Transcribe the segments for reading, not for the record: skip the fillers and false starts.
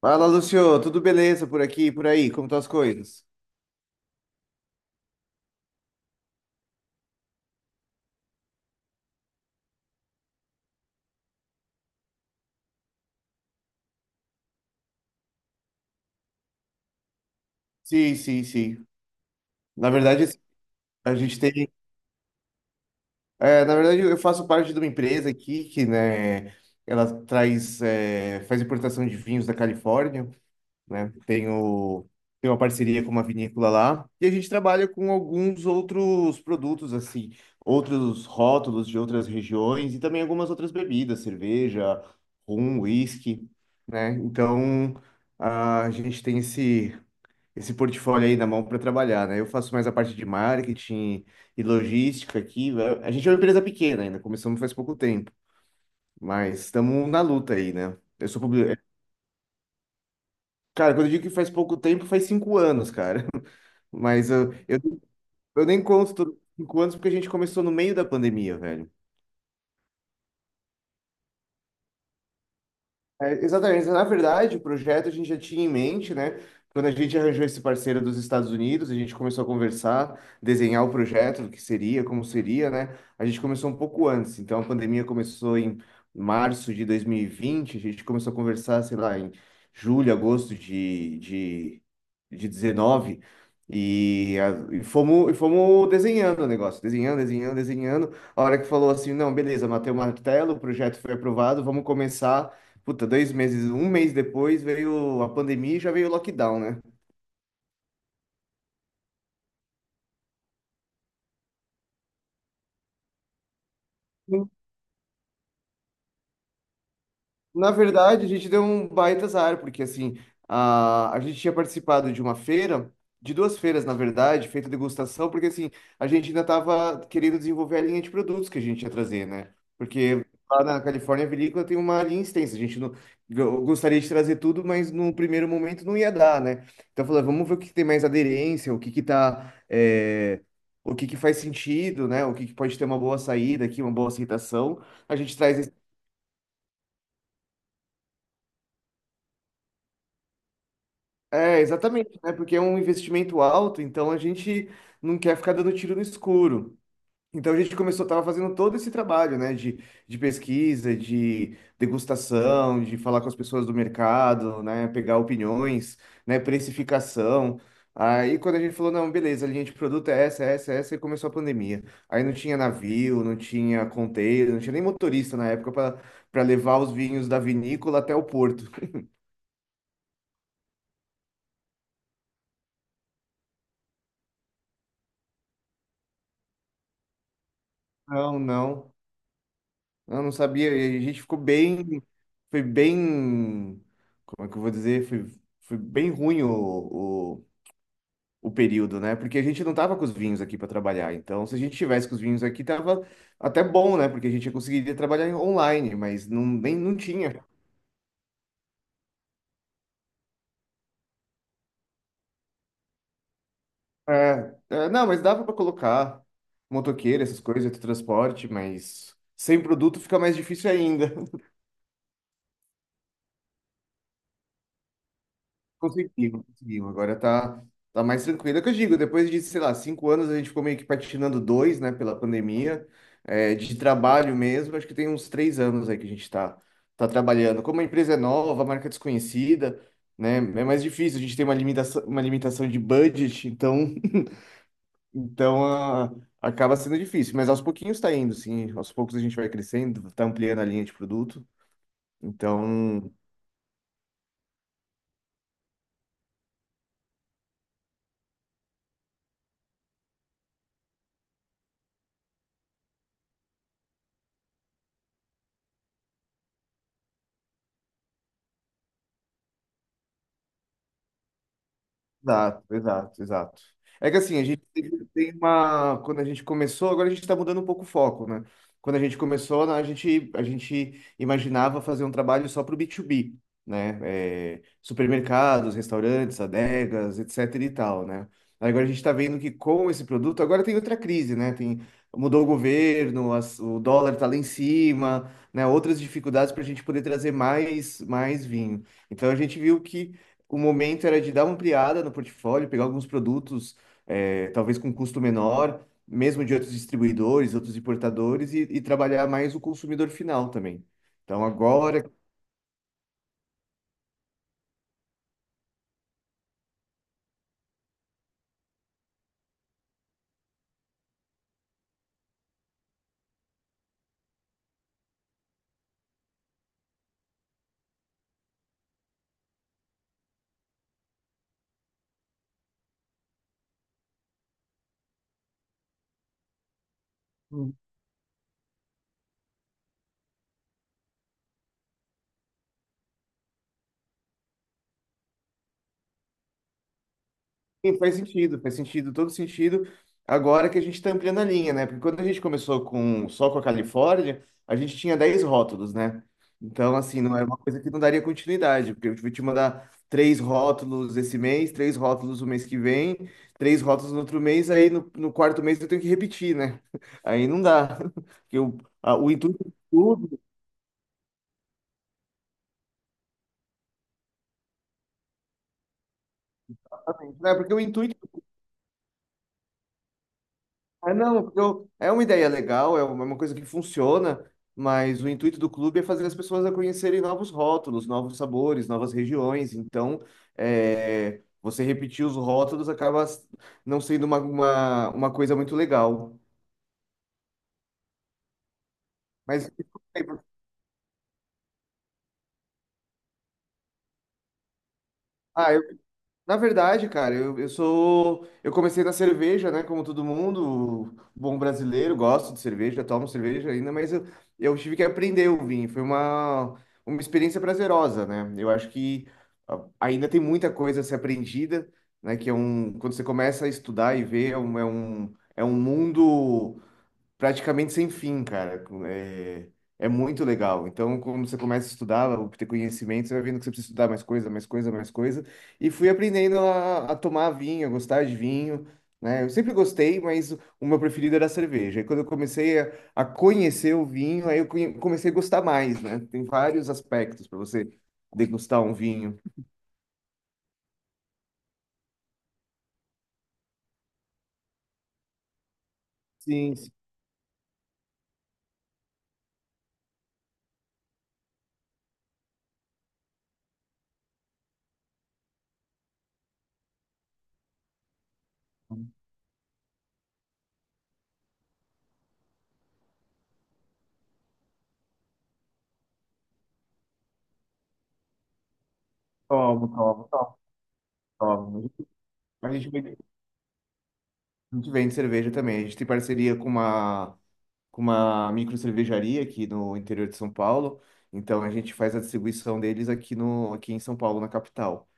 Fala, Lucio, tudo beleza por aqui, e por aí? Como estão as coisas? Sim, sim, sim. Na verdade, a gente tem. É, na verdade, eu faço parte de uma empresa aqui que, né, ela traz, faz importação de vinhos da Califórnia, né? Tenho uma parceria com uma vinícola lá e a gente trabalha com alguns outros produtos, assim, outros rótulos de outras regiões e também algumas outras bebidas, cerveja, rum, whisky, né? Então, a gente tem esse portfólio aí na mão para trabalhar, né? Eu faço mais a parte de marketing e logística aqui, né? A gente é uma empresa pequena ainda, começamos faz pouco tempo, mas estamos na luta aí, né? Eu sou publi... Cara, quando eu digo que faz pouco tempo, faz cinco anos, cara. Mas eu nem conto todos os cinco anos porque a gente começou no meio da pandemia, velho. É, exatamente. Na verdade, o projeto a gente já tinha em mente, né? Quando a gente arranjou esse parceiro dos Estados Unidos, a gente começou a conversar, desenhar o projeto, o que seria, como seria, né? A gente começou um pouco antes. Então, a pandemia começou em março de 2020, a gente começou a conversar, sei lá, em julho, agosto de 19. E fomos desenhando o negócio, desenhando, desenhando, desenhando. A hora que falou assim, não, beleza, matei o martelo, o projeto foi aprovado, vamos começar. Puta, dois meses, um mês depois veio a pandemia e já veio o lockdown, né? Na verdade, a gente deu um baita azar, porque assim, a gente tinha participado de uma feira, de duas feiras, na verdade, feito degustação, porque assim, a gente ainda estava querendo desenvolver a linha de produtos que a gente ia trazer, né? Porque lá na Califórnia, a vinícola tem uma linha extensa, a gente não, eu gostaria de trazer tudo, mas no primeiro momento não ia dar, né? Então, falou, vamos ver o que tem mais aderência, o que que tá, o que que faz sentido, né? O que que pode ter uma boa saída aqui, uma boa aceitação. A gente traz. É, exatamente, né? Porque é um investimento alto, então a gente não quer ficar dando tiro no escuro. Então a gente começou, tava fazendo todo esse trabalho, né? De pesquisa, de degustação, de falar com as pessoas do mercado, né? Pegar opiniões, né? Precificação. Aí quando a gente falou, não, beleza, a linha de produto é essa, é essa, é essa, e começou a pandemia. Aí não tinha navio, não tinha container, não tinha nem motorista na época para levar os vinhos da vinícola até o porto. Não, não. Eu não sabia. E a gente ficou bem. Foi bem. Como é que eu vou dizer? Foi bem ruim o período, né? Porque a gente não tava com os vinhos aqui para trabalhar. Então, se a gente tivesse com os vinhos aqui, tava até bom, né? Porque a gente conseguiria trabalhar online, mas não, nem, não tinha. É, é, não, mas dava para colocar motoqueiro, essas coisas, transporte, mas sem produto fica mais difícil ainda. Conseguimos, conseguimos. Agora tá mais tranquilo. É o que eu digo, depois de, sei lá, cinco anos, a gente ficou meio que patinando dois, né, pela pandemia, de trabalho mesmo. Acho que tem uns três anos aí que a gente tá trabalhando. Como a empresa é nova, a marca é desconhecida, né, é mais difícil. A gente tem uma limitação de budget, então, então ah, acaba sendo difícil. Mas aos pouquinhos tá indo, sim. Aos poucos a gente vai crescendo, tá ampliando a linha de produto. Então. Exato, exato, exato. É que assim, a gente tem uma. Quando a gente começou, agora a gente está mudando um pouco o foco, né? Quando a gente começou, né, a gente imaginava fazer um trabalho só para o B2B, né? É, supermercados, restaurantes, adegas, etc e tal, né? Aí agora a gente está vendo que com esse produto, agora tem outra crise, né? Tem, mudou o governo, o dólar está lá em cima, né? Outras dificuldades para a gente poder trazer mais vinho. Então a gente viu que o momento era de dar uma ampliada no portfólio, pegar alguns produtos, talvez com custo menor, mesmo de outros distribuidores, outros importadores, e trabalhar mais o consumidor final também. Então, agora. Sim, faz sentido, todo sentido. Agora que a gente está ampliando a linha, né? Porque quando a gente começou com só com a Califórnia, a gente tinha 10 rótulos, né? Então, assim, não é uma coisa que não daria continuidade, porque eu vou te mandar três rótulos esse mês, três rótulos o mês que vem, três rótulos no outro mês, aí no quarto mês eu tenho que repetir, né? Aí não dá. Porque o intuito de tudo, exatamente, né? Porque o intuito. É, não, é uma ideia legal, é uma coisa que funciona, mas o intuito do clube é fazer as pessoas a conhecerem novos rótulos, novos sabores, novas regiões. Então, é, você repetir os rótulos acaba não sendo uma coisa muito legal. Mas, ah, eu Na verdade, cara, eu sou. Eu comecei na cerveja, né? Como todo mundo, bom brasileiro, gosto de cerveja, tomo cerveja ainda, mas eu tive que aprender o vinho. Foi uma experiência prazerosa, né? Eu acho que ainda tem muita coisa a ser aprendida, né? Que Quando você começa a estudar e ver, é um mundo praticamente sem fim, cara. É, é muito legal. Então, quando você começa a estudar, a obter conhecimento, você vai vendo que você precisa estudar mais coisa, mais coisa, mais coisa. E fui aprendendo a tomar vinho, a gostar de vinho, né? Eu sempre gostei, mas o meu preferido era a cerveja. E quando eu comecei a conhecer o vinho, aí eu comecei a gostar mais, né? Tem vários aspectos para você degustar um vinho. Sim, sim. Tomo, tomo, tomo, tomo. A gente vende a gente vende cerveja também. A gente tem parceria com uma micro cervejaria aqui no interior de São Paulo. Então a gente faz a distribuição deles aqui no aqui em São Paulo, na capital.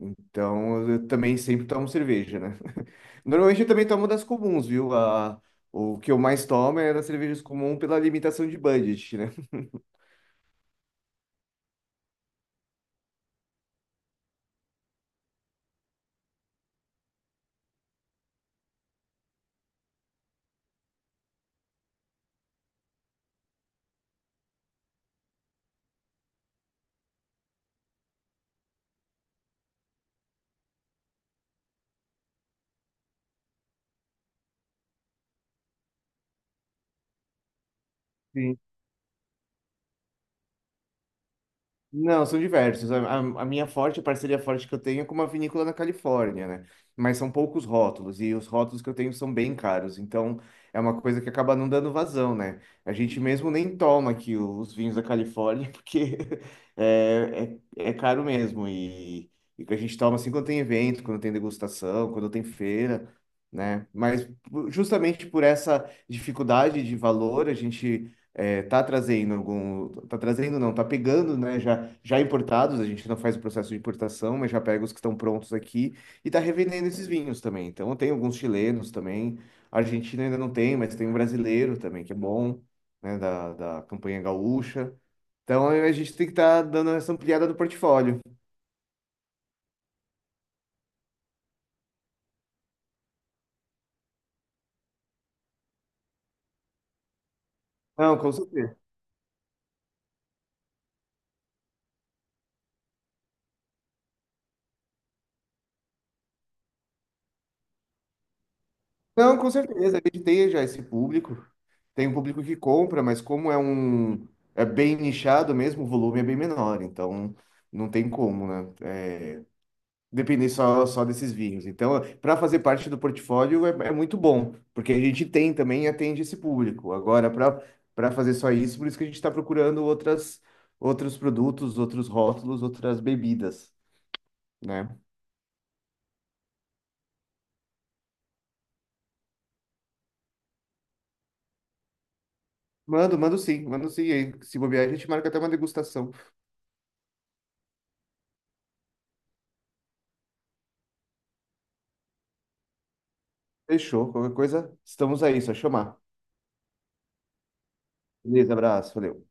Então eu também sempre tomo cerveja, né? Normalmente eu também tomo das comuns, viu? A, o que eu mais tomo é das cervejas comuns pela limitação de budget, né? Não, são diversos. A minha forte, a parceria forte que eu tenho é com uma vinícola na Califórnia, né? Mas são poucos rótulos, e os rótulos que eu tenho são bem caros, então é uma coisa que acaba não dando vazão, né? A gente mesmo nem toma aqui os vinhos da Califórnia, porque é caro mesmo, e que a gente toma assim quando tem evento, quando tem degustação, quando tem feira, né? Mas justamente por essa dificuldade de valor, a gente tá trazendo algum, tá trazendo não, tá pegando, né, já importados, a gente não faz o processo de importação, mas já pega os que estão prontos aqui e tá revendendo esses vinhos também. Então tem alguns chilenos também, a Argentina ainda não tem, mas tem um brasileiro também que é bom, né, da campanha gaúcha. Então a gente tem que estar dando essa ampliada do portfólio. Não, com certeza. Não, com certeza, ele tem já esse público. Tem um público que compra, mas como é bem nichado mesmo, o volume é bem menor, então não tem como, né? Depender só desses vinhos. Então, para fazer parte do portfólio é, é muito bom, porque a gente tem também e atende esse público. Agora, para fazer só isso, por isso que a gente está procurando outras outros produtos, outros rótulos, outras bebidas, né? Mando, mando sim, mando sim. E aí, se bobear, a gente marca até uma degustação. Fechou. Qualquer coisa, estamos aí, só chamar. Beleza, abraço, valeu.